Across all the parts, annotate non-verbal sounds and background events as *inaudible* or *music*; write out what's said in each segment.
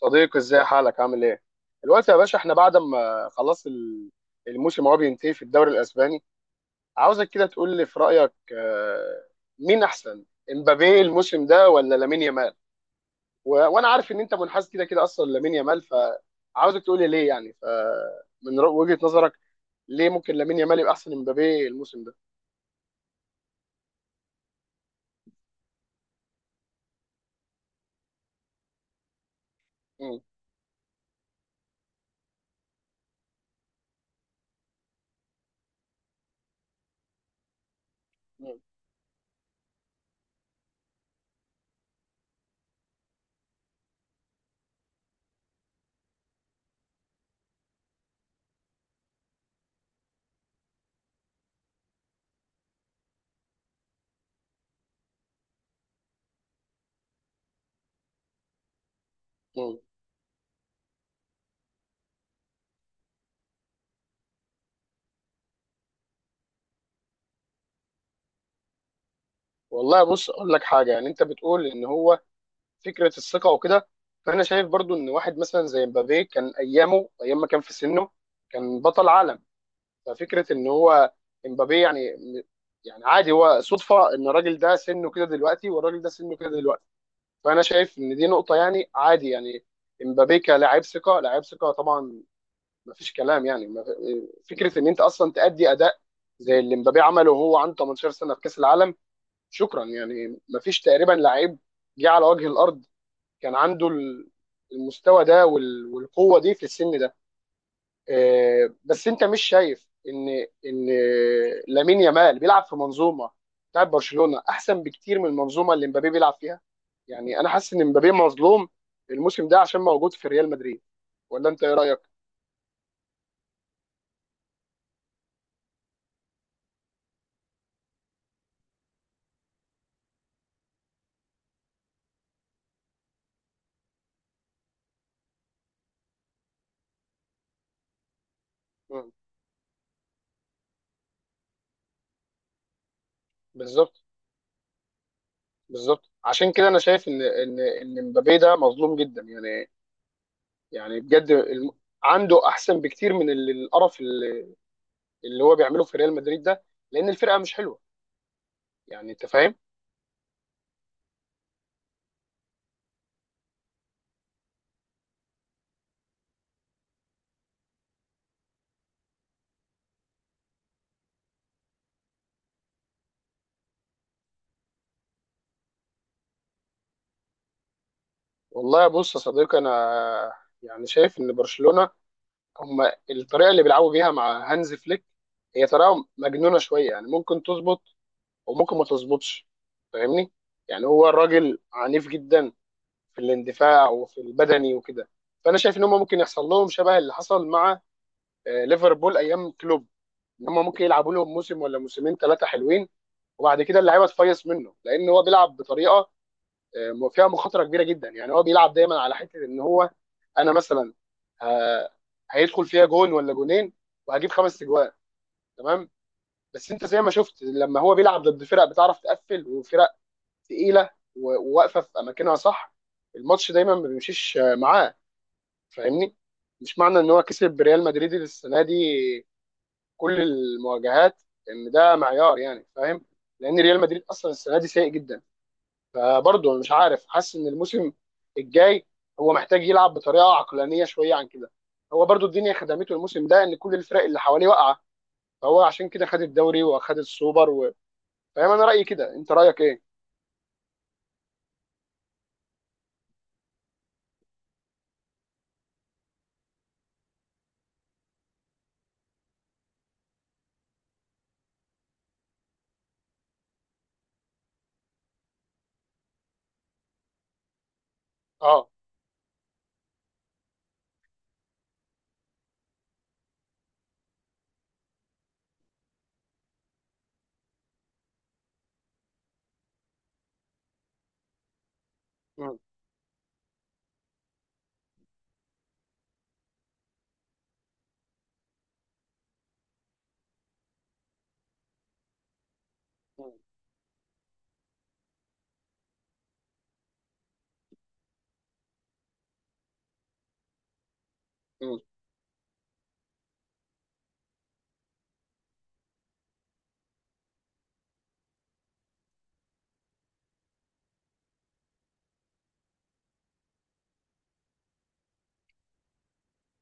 صديقي، ازاي حالك؟ عامل ايه؟ دلوقتي يا باشا، احنا بعد ما خلاص الموسم هو بينتهي في الدوري الاسباني. عاوزك كده تقول لي في رايك، مين احسن، امبابي الموسم ده ولا لامين يامال؟ وانا عارف ان انت منحاز كده كده اصلا لامين يامال، فعاوزك تقول لي ليه يعني. فمن وجهة نظرك، ليه ممكن لامين يامال يبقى احسن من امبابي الموسم ده؟ مم. مم. مم. والله بص، اقول لك حاجه. يعني انت بتقول ان هو فكره الثقه وكده، فانا شايف برضو ان واحد مثلا زي مبابي كان ايامه ايام ما كان في سنه كان بطل عالم. ففكره ان هو مبابي يعني، يعني عادي. هو صدفه ان الراجل ده سنه كده دلوقتي والراجل ده سنه كده دلوقتي. فانا شايف ان دي نقطه يعني عادي يعني. مبابي كلاعب ثقه، لاعب ثقه طبعا، ما فيش كلام. يعني ما في- فكره ان انت اصلا تأدي اداء زي اللي مبابي عمله وهو عنده 18 سنه في كاس العالم، شكرا. يعني ما فيش تقريبا لعيب جه على وجه الارض كان عنده المستوى ده والقوه دي في السن ده. بس انت مش شايف ان ان لامين يامال بيلعب في منظومه بتاعت برشلونه احسن بكتير من المنظومه اللي مبابي بيلعب فيها؟ يعني انا حاسس ان مبابي مظلوم الموسم ده عشان موجود في ريال مدريد، ولا انت ايه رايك؟ مم. بالظبط. بالظبط، عشان كده انا شايف ان مبابي ده مظلوم جدا يعني. يعني بجد عنده احسن بكتير من القرف اللي هو بيعمله في ريال مدريد ده، لان الفرقه مش حلوه. يعني انت فاهم. والله بص يا صديقي، انا يعني شايف ان برشلونه، هم الطريقه اللي بيلعبوا بيها مع هانز فليك، هي طريقه مجنونه شويه. يعني ممكن تظبط وممكن ما تظبطش، فاهمني. يعني هو الراجل عنيف جدا في الاندفاع وفي البدني وكده. فانا شايف ان هم ممكن يحصل لهم شبه اللي حصل مع ليفربول ايام كلوب. ان هم ممكن يلعبوا لهم موسم ولا موسمين ثلاثه حلوين، وبعد كده اللعيبه تفيص منه، لان هو بيلعب بطريقه فيها مخاطره كبيره جدا. يعني هو بيلعب دايما على حته ان هو، انا مثلا، ه- هيدخل فيها جون ولا جونين وهجيب خمس اجوان، تمام. بس انت زي ما شفت، لما هو بيلعب ضد فرق بتعرف تقفل وفرق تقيله وواقفه في اماكنها، صح، الماتش دايما ما بيمشيش معاه، فاهمني. مش معنى ان هو كسب ريال مدريد السنه دي كل المواجهات ان ده معيار، يعني فاهم. لان ريال مدريد اصلا السنه دي سيء جدا. فبرضه مش عارف، حاسس ان الموسم الجاي هو محتاج يلعب بطريقه عقلانيه شويه عن كده. هو برضه الدنيا خدمته الموسم ده ان كل الفرق اللي حواليه واقعه، فهو عشان كده خد الدوري واخد السوبر فاهم. انا رايي كده، انت رايك ايه؟ اه. مم. مم. مم.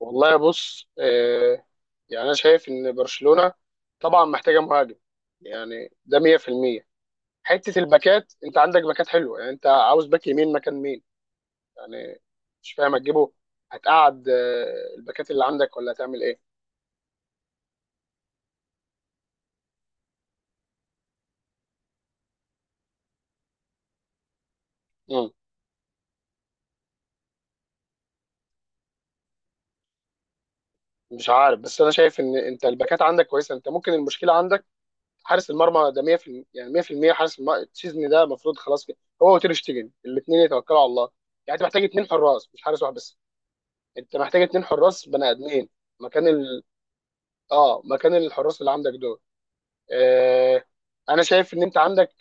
والله بص، يعني انا شايف ان برشلونه طبعا محتاجه مهاجم، يعني ده 100%. حته الباكات، انت عندك باكات حلوه، يعني انت عاوز باك يمين مكان مين؟ يعني مش فاهم هتجيبه. هتقعد الباكات اللي عندك، ولا هتعمل ايه؟ مم. مش عارف، بس انا شايف ان انت الباكات عندك كويسه. انت ممكن المشكله عندك حارس المرمى، ده 100%، يعني 100% حارس المرمى السيزون ده المفروض خلاص كده هو وتير شتيجن الاثنين يتوكلوا على الله. يعني انت محتاج اثنين حراس، مش حارس واحد بس. انت محتاج اثنين حراس بني ادمين مكان اه، مكان الحراس اللي عندك دول. آه... انا شايف ان انت عندك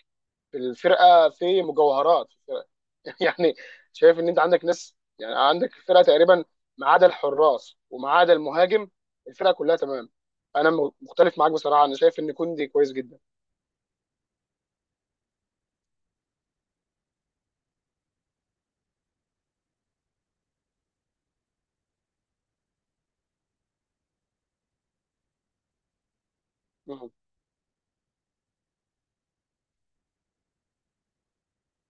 الفرقه، في مجوهرات في الفرقه *laughs* يعني شايف ان انت عندك ناس، يعني عندك الفرقه تقريبا، ما عدا الحراس وما عدا المهاجم، الفرقه كلها تمام. انا مختلف معاك بصراحه، انا شايف ان كوندي كويس جدا. مم.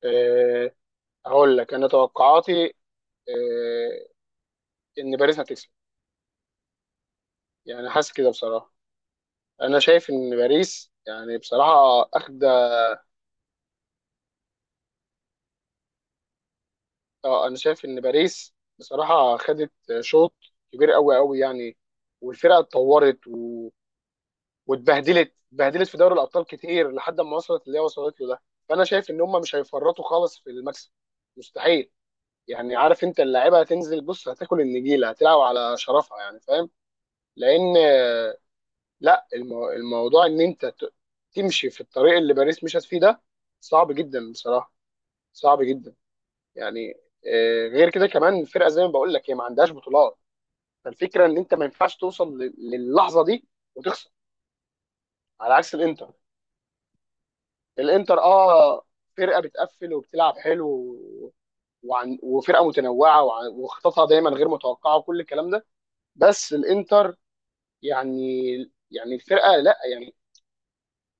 آه، اقول لك انا توقعاتي. آه، ان باريس هتكسب. يعني حاسس كده بصراحه، انا شايف ان باريس يعني بصراحه اخد. اه، انا شايف ان باريس بصراحه خدت شوط كبير قوي قوي يعني، والفرقه اتطورت واتبهدلت اتبهدلت في دوري الابطال كتير لحد ما وصلت اللي هي وصلت له ده. فانا شايف ان هم مش هيفرطوا خالص في المكسب، مستحيل. يعني عارف انت اللاعيبه هتنزل، بص هتاكل النجيله، هتلعب على شرفها، يعني فاهم. لان لا الموضوع ان انت تمشي في الطريق اللي باريس مشت فيه ده صعب جدا بصراحه، صعب جدا يعني. غير كده كمان الفرقه زي ما بقول لك هي ما عندهاش بطولات. فالفكره ان انت ما ينفعش توصل للحظه دي وتخسر. على عكس الانتر، الانتر اه فرقه بتقفل وبتلعب حلو وعن وفرقه متنوعه وخططها دايما غير متوقعه، وكل الكلام ده. بس الانتر يعني، يعني الفرقه لا يعني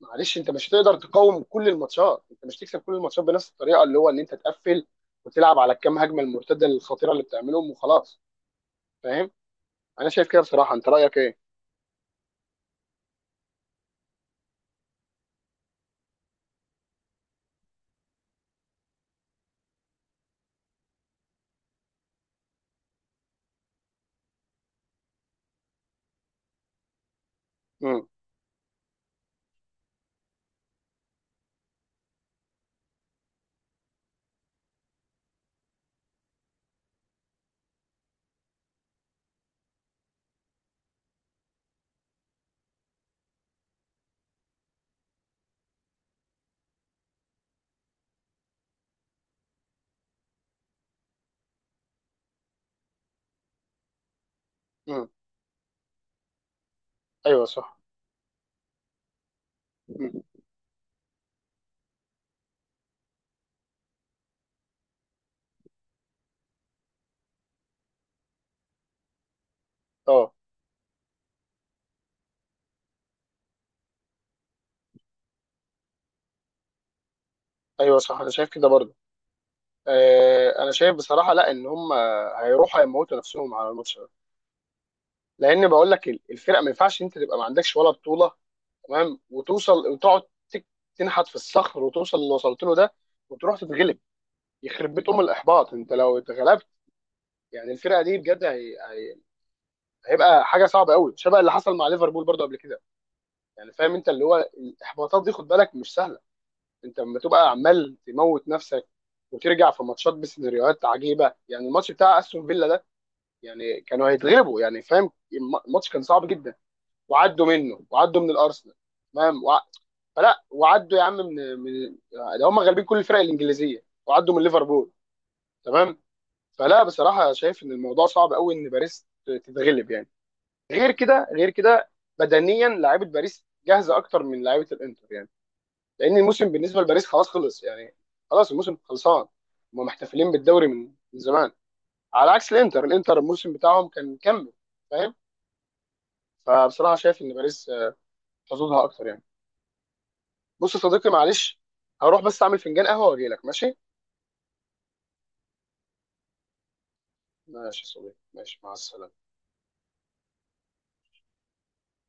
معلش، انت مش هتقدر تقاوم كل الماتشات. انت مش تكسب كل الماتشات بنفس الطريقه اللي هو ان انت تقفل وتلعب على الكام هجمه المرتده الخطيره اللي بتعملهم وخلاص، فاهم. انا شايف كده بصراحه. انت رايك ايه؟ امم. امم. ايوه صح. مم. اه. ايوه صح، انا شايف كده برضه. انا شايف بصراحه، لا ان هم هيروحوا هيموتوا نفسهم على الماتش ده. لان بقول لك الفرقه ما ينفعش انت تبقى ما عندكش ولا بطوله، تمام، وتوصل وتقعد تك- تنحت في الصخر وتوصل اللي وصلت له ده وتروح تتغلب. يخرب بيت ام الاحباط انت لو اتغلبت. يعني الفرقه دي بجد هيبقى حاجه صعبه قوي شبه اللي حصل مع ليفربول برضه قبل كده، يعني فاهم انت. اللي هو الاحباطات دي خد بالك مش سهله. انت لما تبقى عمال تموت نفسك وترجع في ماتشات بسيناريوهات عجيبه، يعني الماتش بتاع استون فيلا يعني كانوا هيتغلبوا، يعني فاهم الماتش كان صعب جدا وعدوا منه، وعدوا من الارسنال، تمام، فلا وعدوا يا عم من، ده هم غالبين كل الفرق الانجليزيه، وعدوا من ليفربول، تمام. فلا بصراحه شايف ان الموضوع صعب قوي ان باريس تتغلب يعني. غير كده، غير كده بدنيا لعيبه باريس جاهزه اكتر من لعيبه الانتر يعني، لان الموسم بالنسبه لباريس خلاص خلص يعني. خلاص الموسم خلصان، هم محتفلين بالدوري من زمان، على عكس الانتر. الانتر الموسم بتاعهم كان مكمل، فاهم. فبصراحه شايف ان باريس حظوظها اكتر يعني. بص يا صديقي، معلش، هروح بس اعمل فنجان قهوه واجي لك، ماشي؟ ماشي يا صديقي، ماشي، مع السلامه.